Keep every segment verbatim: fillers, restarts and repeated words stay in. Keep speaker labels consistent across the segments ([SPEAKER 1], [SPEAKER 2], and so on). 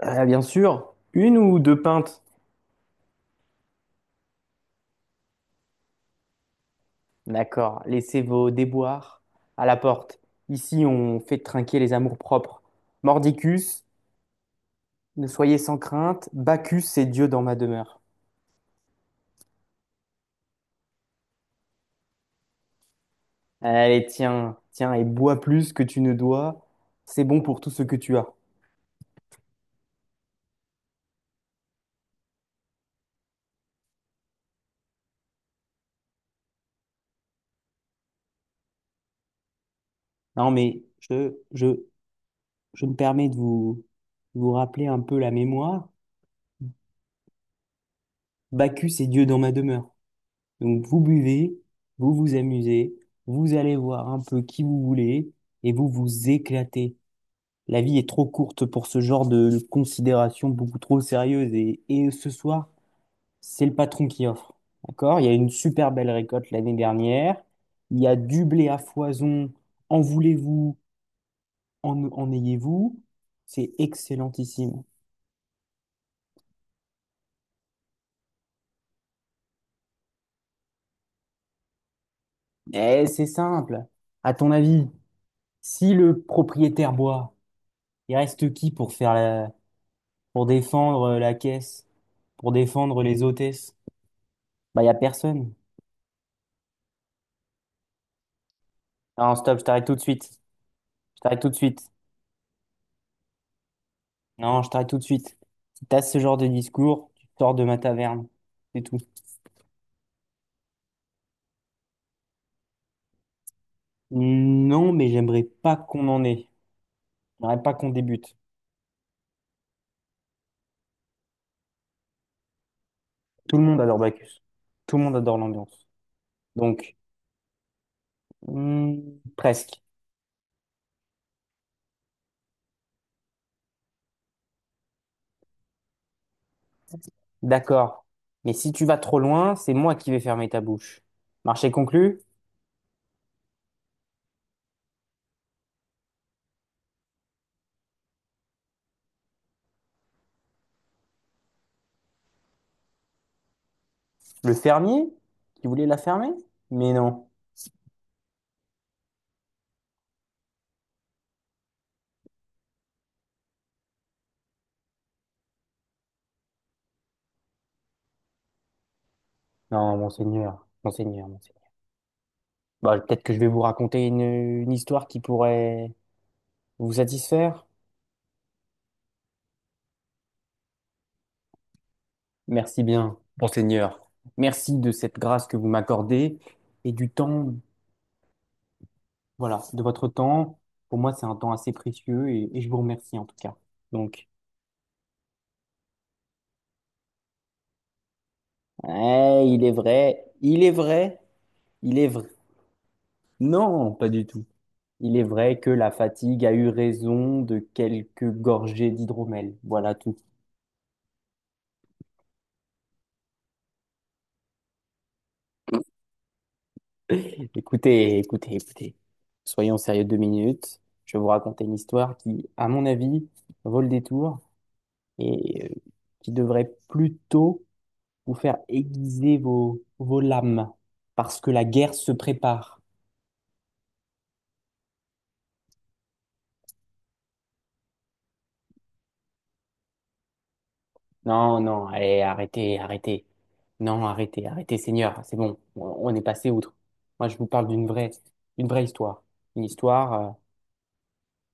[SPEAKER 1] Ah, bien sûr, une ou deux pintes. D'accord, laissez vos déboires à la porte. Ici, on fait trinquer les amours propres. Mordicus, ne soyez sans crainte, Bacchus, c'est Dieu dans ma demeure. Allez, tiens, tiens, et bois plus que tu ne dois. C'est bon pour tout ce que tu as. Non, mais je, je, je me permets de vous, vous rappeler un peu la mémoire. Bacchus est Dieu dans ma demeure. Donc vous buvez, vous vous amusez, vous allez voir un peu qui vous voulez et vous vous éclatez. La vie est trop courte pour ce genre de considération beaucoup trop sérieuse et, et ce soir, c'est le patron qui offre. D'accord? Il y a une super belle récolte l'année dernière. Il y a du blé à foison. En voulez-vous? En, en ayez-vous? C'est excellentissime. Eh, c'est simple. À ton avis, si le propriétaire boit, il reste qui pour faire la, pour défendre euh, la caisse, pour défendre les hôtesses. Bah, il a personne. Non, stop, je t'arrête tout de suite. Je t'arrête tout de suite. Non, je t'arrête tout de suite. Si t'as ce genre de discours, tu sors de ma taverne. C'est tout. Non, mais j'aimerais pas qu'on en ait. J'aimerais pas qu'on débute. Tout le monde adore Bacchus. Tout le monde adore l'ambiance. Donc, hmm, presque. D'accord. Mais si tu vas trop loin, c'est moi qui vais fermer ta bouche. Marché conclu. Le fermier qui voulait la fermer? Mais non. Non, monseigneur, monseigneur, monseigneur. Bah, peut-être que je vais vous raconter une, une histoire qui pourrait vous satisfaire. Merci bien, monseigneur. Merci de cette grâce que vous m'accordez et du temps, voilà, de votre temps. Pour moi, c'est un temps assez précieux et, et je vous remercie en tout cas. Donc, eh, il est vrai, il est vrai, il est vrai. Non, pas du tout. Il est vrai que la fatigue a eu raison de quelques gorgées d'hydromel. Voilà tout. Écoutez, écoutez, écoutez. Soyons sérieux deux minutes. Je vais vous raconter une histoire qui, à mon avis, vaut le détour et euh, qui devrait plutôt vous faire aiguiser vos, vos lames parce que la guerre se prépare. Non, non, allez, arrêtez, arrêtez. Non, arrêtez, arrêtez, Seigneur. C'est bon, on on est passé outre. Moi, je vous parle d'une vraie, d'une vraie histoire. Une histoire,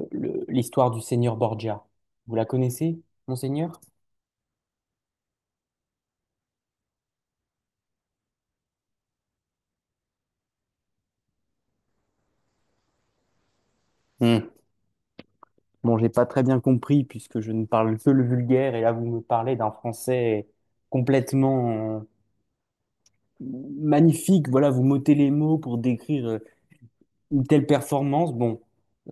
[SPEAKER 1] euh, le- l'histoire du Seigneur Borgia. Vous la connaissez, Monseigneur? Hmm. Bon, j'ai pas très bien compris puisque je ne parle que le vulgaire et là vous me parlez d'un français complètement euh, magnifique. Voilà, vous m'ôtez les mots pour décrire euh, une telle performance. Bon,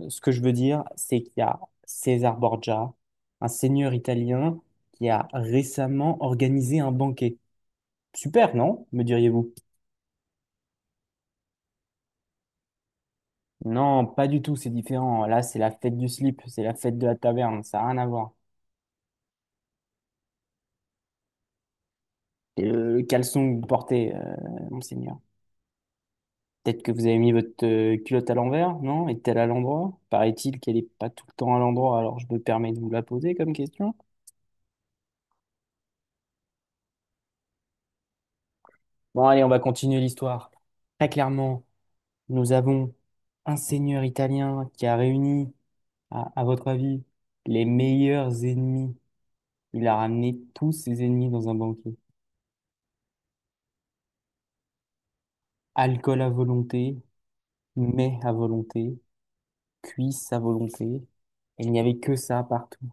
[SPEAKER 1] euh, ce que je veux dire, c'est qu'il y a César Borgia, un seigneur italien qui a récemment organisé un banquet. Super, non? Me diriez-vous? Non, pas du tout, c'est différent. Là, c'est la fête du slip, c'est la fête de la taverne, ça n'a rien à voir. Et le, le caleçon que vous portez, euh, monseigneur. Peut-être que vous avez mis votre euh, culotte à l'envers, non? Est-elle à l'endroit? Paraît-il qu'elle n'est pas tout le temps à l'endroit, alors je me permets de vous la poser comme question. Bon, allez, on va continuer l'histoire. Très clairement, nous avons un seigneur italien qui a réuni, à, à votre avis, les meilleurs ennemis. Il a ramené tous ses ennemis dans un banquet. Alcool à volonté, mets à volonté, cuisses à volonté. Il n'y avait que ça partout.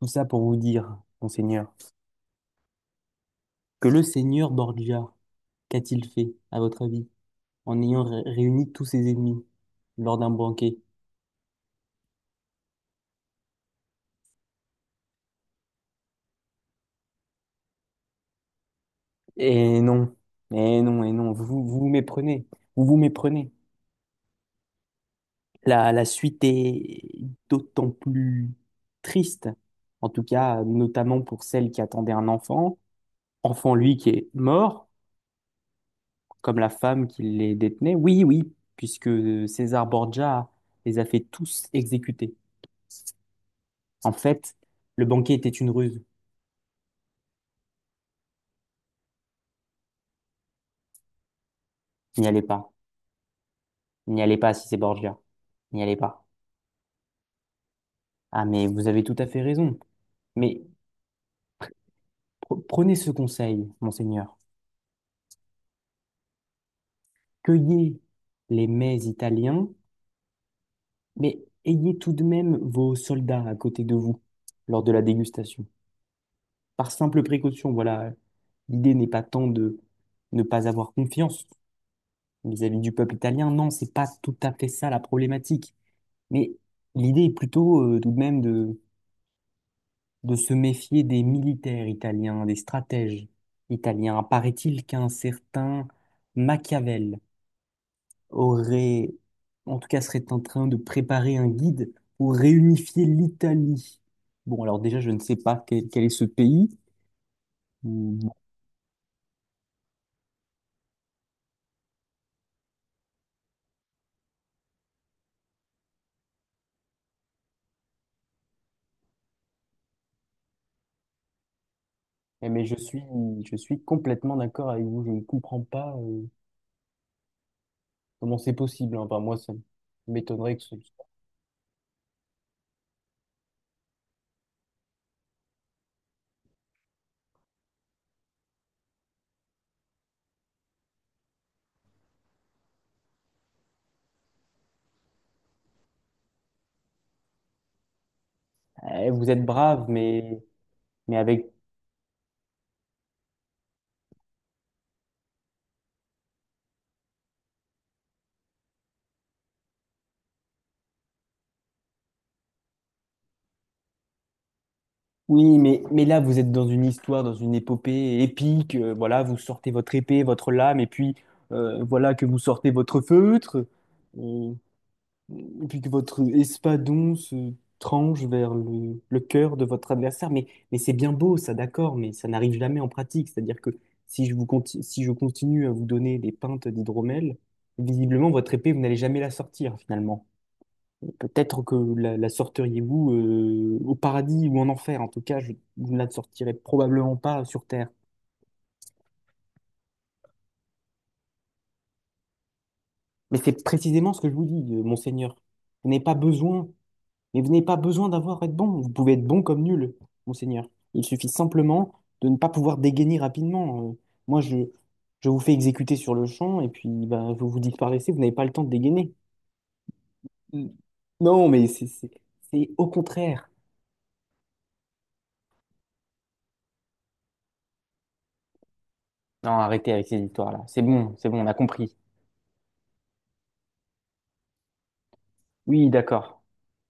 [SPEAKER 1] Tout ça pour vous dire, monseigneur, que le seigneur Borgia, qu'a-t-il fait, à votre avis, en ayant ré- réuni tous ses ennemis lors d'un banquet? Et non, et non, et non, vous vous vous méprenez, vous vous méprenez. La, la suite est d'autant plus triste, en tout cas, notamment pour celle qui attendait un enfant, enfant lui qui est mort, comme la femme qui les détenait. Oui, oui, puisque César Borgia les a fait tous exécuter. En fait, le banquet était une ruse, n'y allez pas. N'y allez pas si c'est Borgia. N'y allez pas. Ah, mais vous avez tout à fait raison. Mais pre- prenez ce conseil, monseigneur. Cueillez les mets italiens, mais ayez tout de même vos soldats à côté de vous lors de la dégustation. Par simple précaution, voilà. L'idée n'est pas tant de ne pas avoir confiance vis-à-vis du peuple italien. Non, c'est pas tout à fait ça la problématique. Mais l'idée est plutôt euh, tout de même de de se méfier des militaires italiens, des stratèges italiens. Paraît-il qu'un certain Machiavel aurait, en tout cas serait en train de préparer un guide pour réunifier l'Italie. Bon, alors déjà, je ne sais pas quel, quel est ce pays, Mm, eh, mais je suis, je suis complètement d'accord avec vous. Je ne comprends pas euh, comment c'est possible, hein. Enfin, moi, ça m'étonnerait que ce... Eh, vous êtes brave, mais, mais avec oui, mais, mais là, vous êtes dans une histoire, dans une épopée épique. euh, voilà, vous sortez votre épée, votre lame, et puis euh, voilà que vous sortez votre feutre, euh, et puis que votre espadon se tranche vers le, le cœur de votre adversaire. Mais, mais c'est bien beau, ça, d'accord, mais ça n'arrive jamais en pratique. C'est-à-dire que si je vous conti- si je continue à vous donner des pintes d'hydromel, visiblement, votre épée, vous n'allez jamais la sortir, finalement. Peut-être que la, la sortiriez-vous euh, au paradis ou en enfer. En tout cas, je, vous ne la sortirez probablement pas sur Terre. Mais c'est précisément ce que je vous dis, euh, monseigneur. Vous n'avez pas besoin, mais vous n'avez pas besoin d'avoir à être bon. Vous pouvez être bon comme nul, monseigneur. Il suffit simplement de ne pas pouvoir dégainer rapidement. Euh, moi, je, je vous fais exécuter sur le champ et puis bah, vous vous disparaissez. Vous n'avez pas le temps de dégainer. Mm. Non, mais c'est c'est- c'est au contraire. Non, arrêtez avec ces histoires-là. C'est bon, c'est bon, on a compris. Oui, d'accord.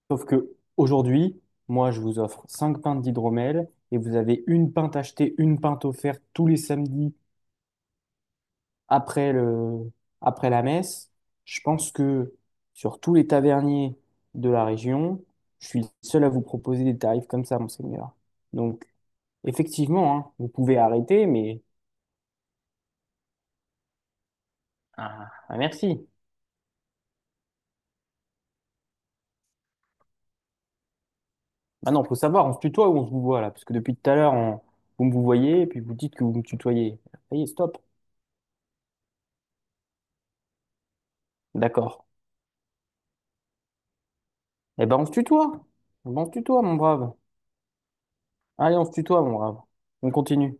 [SPEAKER 1] Sauf que aujourd'hui, moi, je vous offre cinq pintes d'hydromel et vous avez une pinte achetée, une pinte offerte tous les samedis après le, après la messe. Je pense que sur tous les taverniers de la région, je suis le seul à vous proposer des tarifs comme ça, monseigneur. Donc, effectivement, hein, vous pouvez arrêter, mais ah, ah, merci. Maintenant, il faut savoir, on se tutoie ou on se vous voit là, parce que depuis tout à l'heure, on- vous me vous voyez et puis vous dites que vous me tutoyez. Ça y est, stop. D'accord. Eh ben, on se tutoie. Eh ben, on se tutoie, mon brave. Allez, on se tutoie, mon brave. On continue.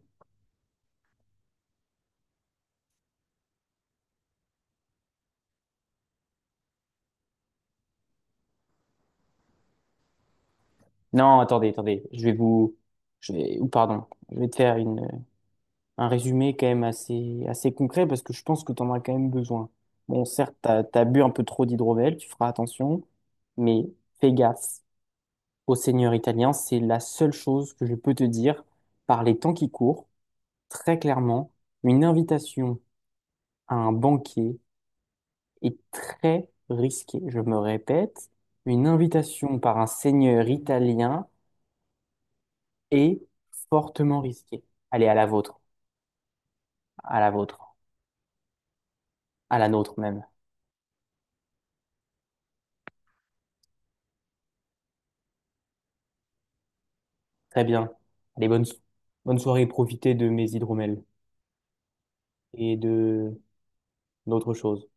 [SPEAKER 1] Non, attendez, attendez. Je vais vous, je vais, ou pardon, je vais te faire une, un résumé quand même assez, assez concret parce que je pense que t'en as quand même besoin. Bon, certes, t'as, t'as bu un peu trop d'hydromel, tu feras attention, mais fais gaffe au seigneur italien. C'est la seule chose que je peux te dire par les temps qui courent. Très clairement, une invitation à un banquet est très risqué. Je me répète, une invitation par un seigneur italien est fortement risquée. Allez, à la vôtre, à la vôtre, à la nôtre même. Très bien. Allez, bonne, so- bonne soirée, profitez de mes hydromels et de d'autres choses.